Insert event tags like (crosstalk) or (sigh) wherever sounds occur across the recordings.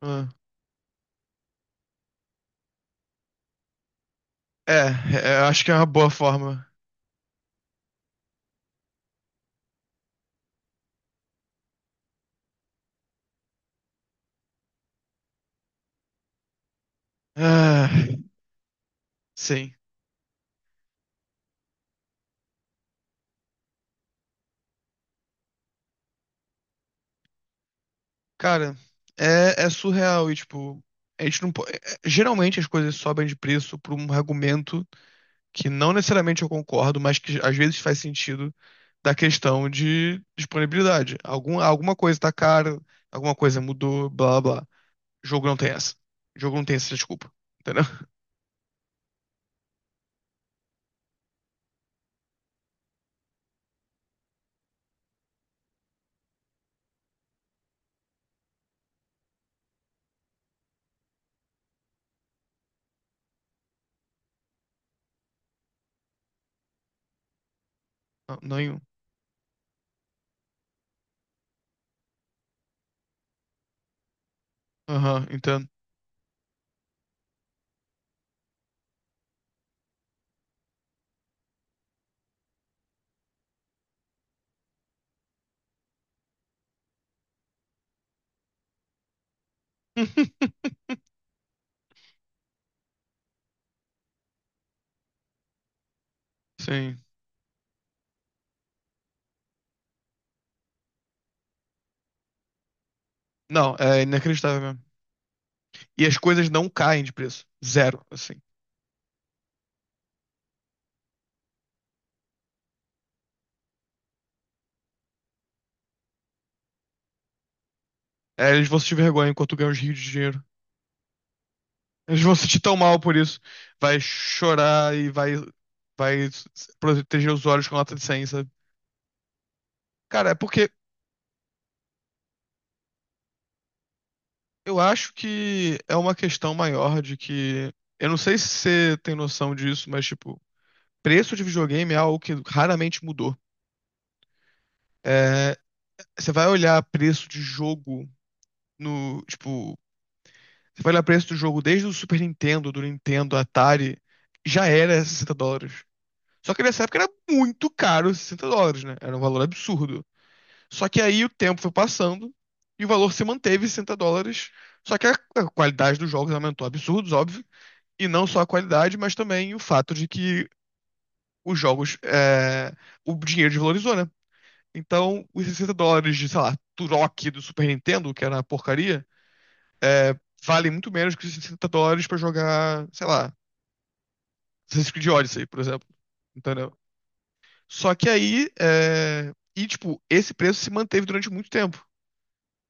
Ah. É, é, acho que é uma boa forma. Ah, sim. Cara, é surreal e, tipo, a gente não pode. Geralmente as coisas sobem de preço por um argumento que não necessariamente eu concordo, mas que às vezes faz sentido da questão de disponibilidade. Alguma coisa tá cara, alguma coisa mudou, blá blá blá. Jogo não tem essa. Jogo não tem essa desculpa. Entendeu? (laughs) Não, nenhum. Aham, entendo. (laughs) Sim. Não, é inacreditável mesmo. E as coisas não caem de preço. Zero, assim. É, eles vão sentir vergonha enquanto ganham os rios de dinheiro. Eles vão se sentir tão mal por isso. Vai chorar e vai proteger os olhos com nota de 100, sabe? Cara, é porque eu acho que é uma questão maior de que. Eu não sei se você tem noção disso, mas, tipo, preço de videogame é algo que raramente mudou. É, você vai olhar preço de jogo no, tipo, você vai olhar o preço do jogo desde o Super Nintendo, do Nintendo, Atari, já era US$ 60. Só que nessa época era muito caro US$ 60, né? Era um valor absurdo. Só que aí o tempo foi passando e o valor se manteve US$ 60. Só que a qualidade dos jogos aumentou absurdos, óbvio. E não só a qualidade, mas também o fato de que os jogos, é, o dinheiro desvalorizou, né? Então, os US$ 60 de, sei lá, Turok do Super Nintendo, que era uma porcaria, é, vale muito menos que os US$ 60 pra jogar, sei lá, Assassin's Creed Odyssey, por exemplo. Entendeu? Só que aí, é, e tipo, esse preço se manteve durante muito tempo.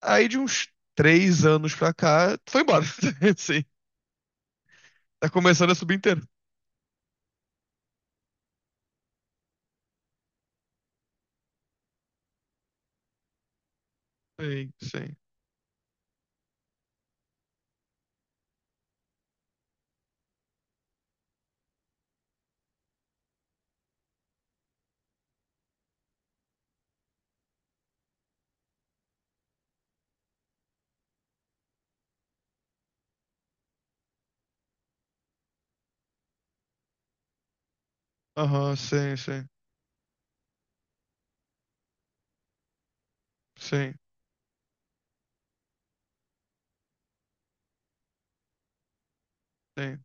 Aí de uns 3 anos pra cá, foi embora. (laughs) Sim. Tá começando a subir inteiro. Sim, sim. Aham, sim, sim. Sim, sim.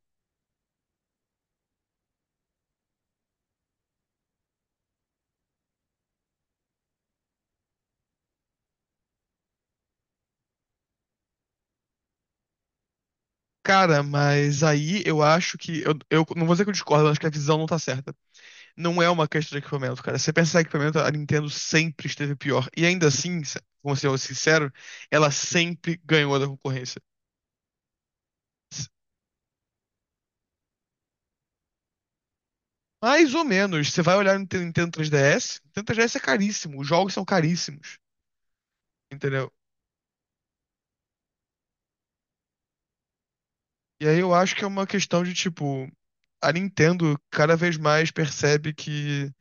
Cara, mas aí eu acho que. Eu não vou dizer que eu discordo, eu acho que a visão não tá certa. Não é uma questão de equipamento, cara. Se você pensar em equipamento, a Nintendo sempre esteve pior. E ainda assim, como ser sincero, ela sempre ganhou da concorrência. Mais ou menos. Você vai olhar no Nintendo 3DS, Nintendo 3DS é caríssimo, os jogos são caríssimos, entendeu? E aí eu acho que é uma questão de tipo, a Nintendo cada vez mais percebe que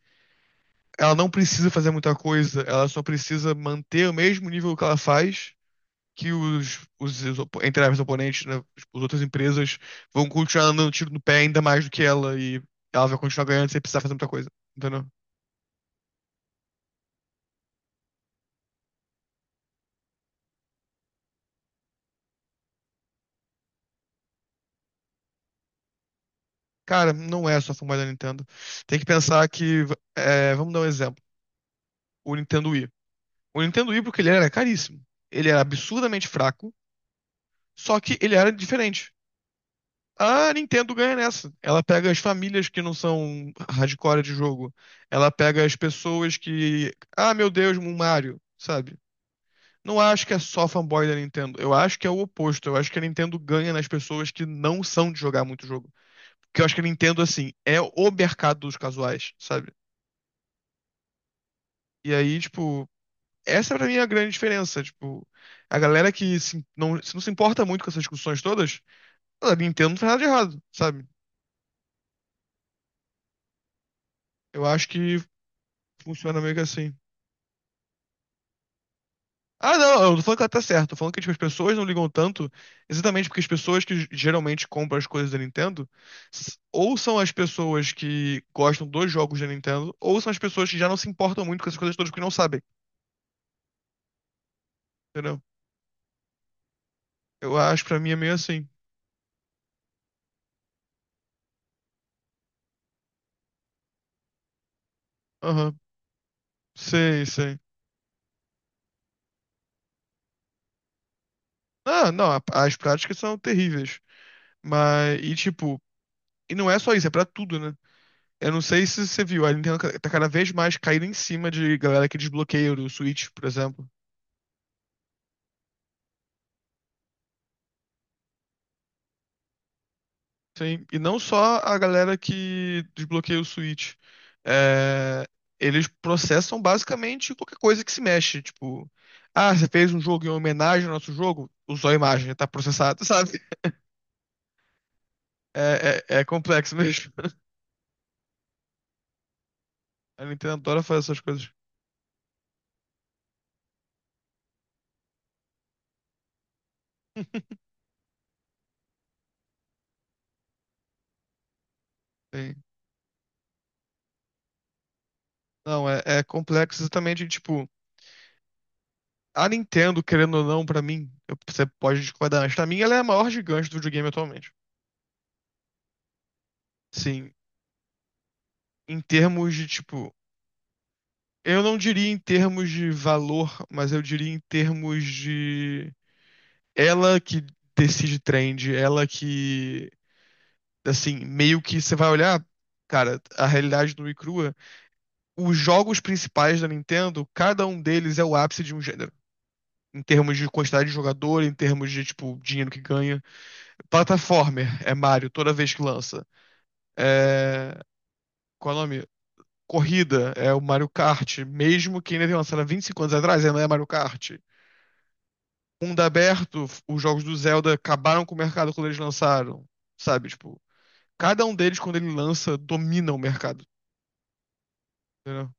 ela não precisa fazer muita coisa, ela só precisa manter o mesmo nível que ela faz, que os entre aspas, oponentes, né, as outras empresas vão continuar dando tiro no pé ainda mais do que ela e ela vai continuar ganhando sem precisar fazer muita coisa, entendeu? Cara, não é só fumar da Nintendo. Tem que pensar que, é, vamos dar um exemplo. O Nintendo Wii. O Nintendo Wii, porque ele era caríssimo. Ele era absurdamente fraco, só que ele era diferente. A Nintendo ganha nessa. Ela pega as famílias que não são hardcore de jogo. Ela pega as pessoas que. Ah, meu Deus, um Mario, sabe? Não acho que é só fanboy da Nintendo. Eu acho que é o oposto. Eu acho que a Nintendo ganha nas pessoas que não são de jogar muito jogo. Porque eu acho que a Nintendo, assim, é o mercado dos casuais, sabe? E aí, tipo, essa pra mim é a grande diferença. Tipo, a galera que se não se importa muito com essas discussões todas, a Nintendo não faz nada de errado, sabe? Eu acho que funciona meio que assim. Ah, não, eu não tô falando que ela tá certa, tô falando que tipo, as pessoas não ligam tanto, exatamente porque as pessoas que geralmente compram as coisas da Nintendo, ou são as pessoas que gostam dos jogos da Nintendo, ou são as pessoas que já não se importam muito com essas coisas todas porque não sabem, entendeu? Eu acho que pra mim é meio assim. Aham, sei, sei. Ah, não, as práticas são terríveis. Mas, e tipo, e não é só isso, é pra tudo, né? Eu não sei se você viu, a Nintendo tá cada vez mais caindo em cima de galera que desbloqueia o Switch, por exemplo. Sim, e não só a galera que desbloqueia o Switch. É, eles processam basicamente qualquer coisa que se mexe. Tipo, ah, você fez um jogo em homenagem ao nosso jogo? Usou a imagem, tá processado, (laughs) sabe? É complexo mesmo. (laughs) A Nintendo adora fazer essas coisas. (laughs) Sim. Não, é complexo exatamente, tipo. A Nintendo, querendo ou não, pra mim, você pode discordar, mas pra mim ela é a maior gigante do videogame atualmente. Sim, em termos de, tipo, eu não diria em termos de valor, mas eu diria em termos de ela que decide trend, ela que, assim, meio que você vai olhar, cara, a realidade nua e crua, os jogos principais da Nintendo, cada um deles é o ápice de um gênero. Em termos de quantidade de jogador, em termos de, tipo, dinheiro que ganha. Plataformer é Mario toda vez que lança. É, qual é o nome? Corrida, é o Mario Kart, mesmo que ainda tenha lançado há 25 anos atrás, ainda é Mario Kart. Mundo aberto, os jogos do Zelda acabaram com o mercado quando eles lançaram, sabe? Tipo, cada um deles, quando ele lança, domina o mercado, entendeu?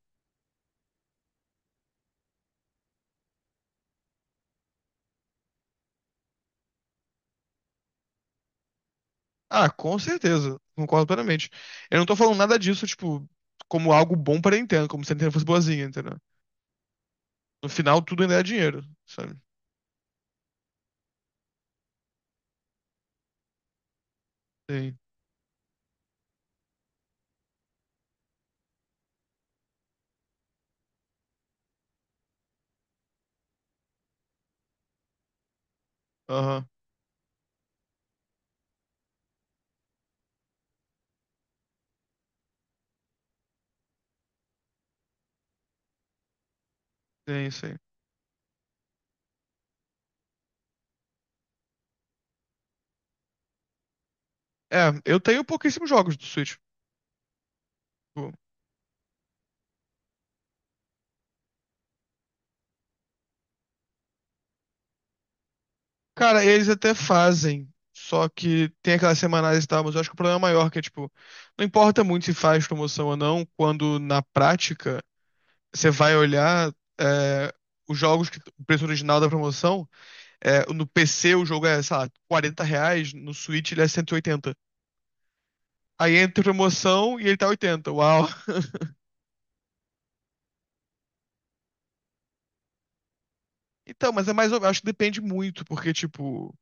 Ah, com certeza, concordo plenamente. Eu não tô falando nada disso, tipo, como algo bom pra Nintendo, como se a Nintendo fosse boazinha, entendeu? No final, tudo ainda é dinheiro, sabe? Sim, aham, tem isso aí. É, eu tenho pouquíssimos jogos do Switch. Tipo, cara, eles até fazem, só que tem aquelas semanais e tal, mas eu acho que o problema é maior, que é, tipo, não importa muito se faz promoção ou não, quando na prática você vai olhar é, os jogos que o preço original da promoção, é, no PC o jogo é, sei lá, R$ 40, no Switch ele é 180. Aí entra promoção e ele tá 80. Uau. Então, mas é mais, acho que depende muito, porque, tipo,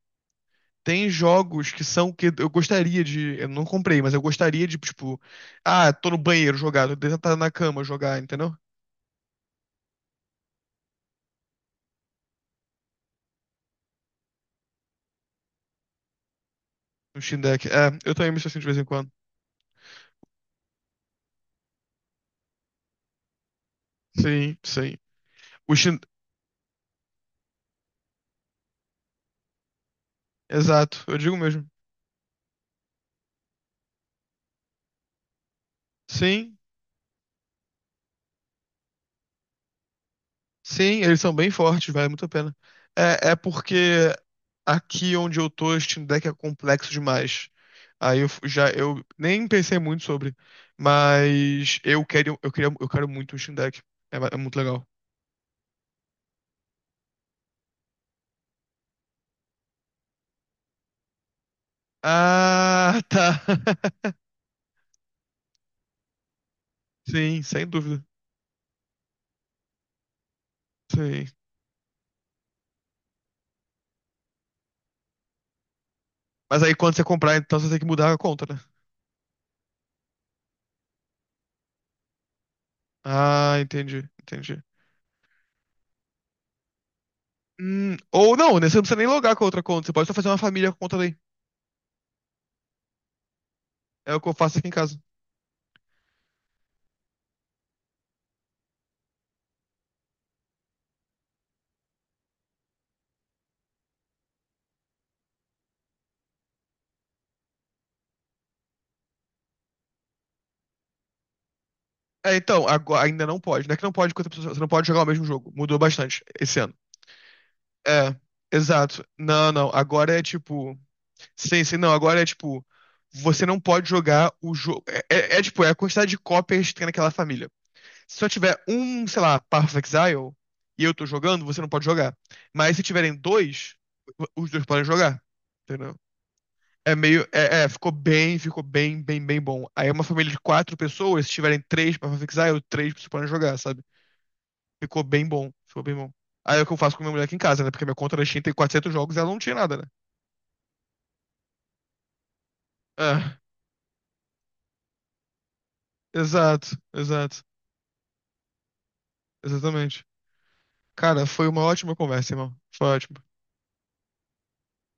tem jogos que são que eu gostaria de. Eu não comprei, mas eu gostaria de, tipo. Ah, tô no banheiro jogar, tô deitado na cama jogar, entendeu? No Steam Deck. É, eu também me sinto assim de vez em quando. Sim, sim. O Steam. Exato, eu digo mesmo. Sim, sim, eles são bem fortes, vale muito a pena. É porque aqui onde eu tô, o Steam Deck é complexo demais. Aí já eu nem pensei muito sobre, mas eu quero muito o Steam Deck. É, é muito legal. Ah, tá. (laughs) Sim, sem dúvida. Sim. Mas aí quando você comprar, então você tem que mudar a conta, né? Ah, entendi, entendi. Ou não, né? Você não precisa nem logar com a outra conta. Você pode só fazer uma família com a conta daí. É o que eu faço aqui em casa. É, então, agora, ainda não pode. Não é que não pode, com outra pessoa, você não pode jogar o mesmo jogo. Mudou bastante esse ano. É, exato. Não, não. Agora é tipo. Sim, sim, não. Agora é tipo. Você não pode jogar o jogo. É, tipo, é a quantidade de cópias que tem naquela família. Se só tiver um, sei lá, Path of Exile e eu tô jogando, você não pode jogar. Mas se tiverem dois, os dois podem jogar. Entendeu? É meio. É, ficou bem bom. Aí é uma família de quatro pessoas, se tiverem três Path of Exile, três vocês podem jogar, sabe? Ficou bem bom. Ficou bem bom. Aí é o que eu faço com minha mulher aqui em casa, né? Porque minha conta na Steam tem 400 jogos e ela não tinha nada, né? É, exato, exato, exatamente. Cara, foi uma ótima conversa, irmão. Foi ótimo.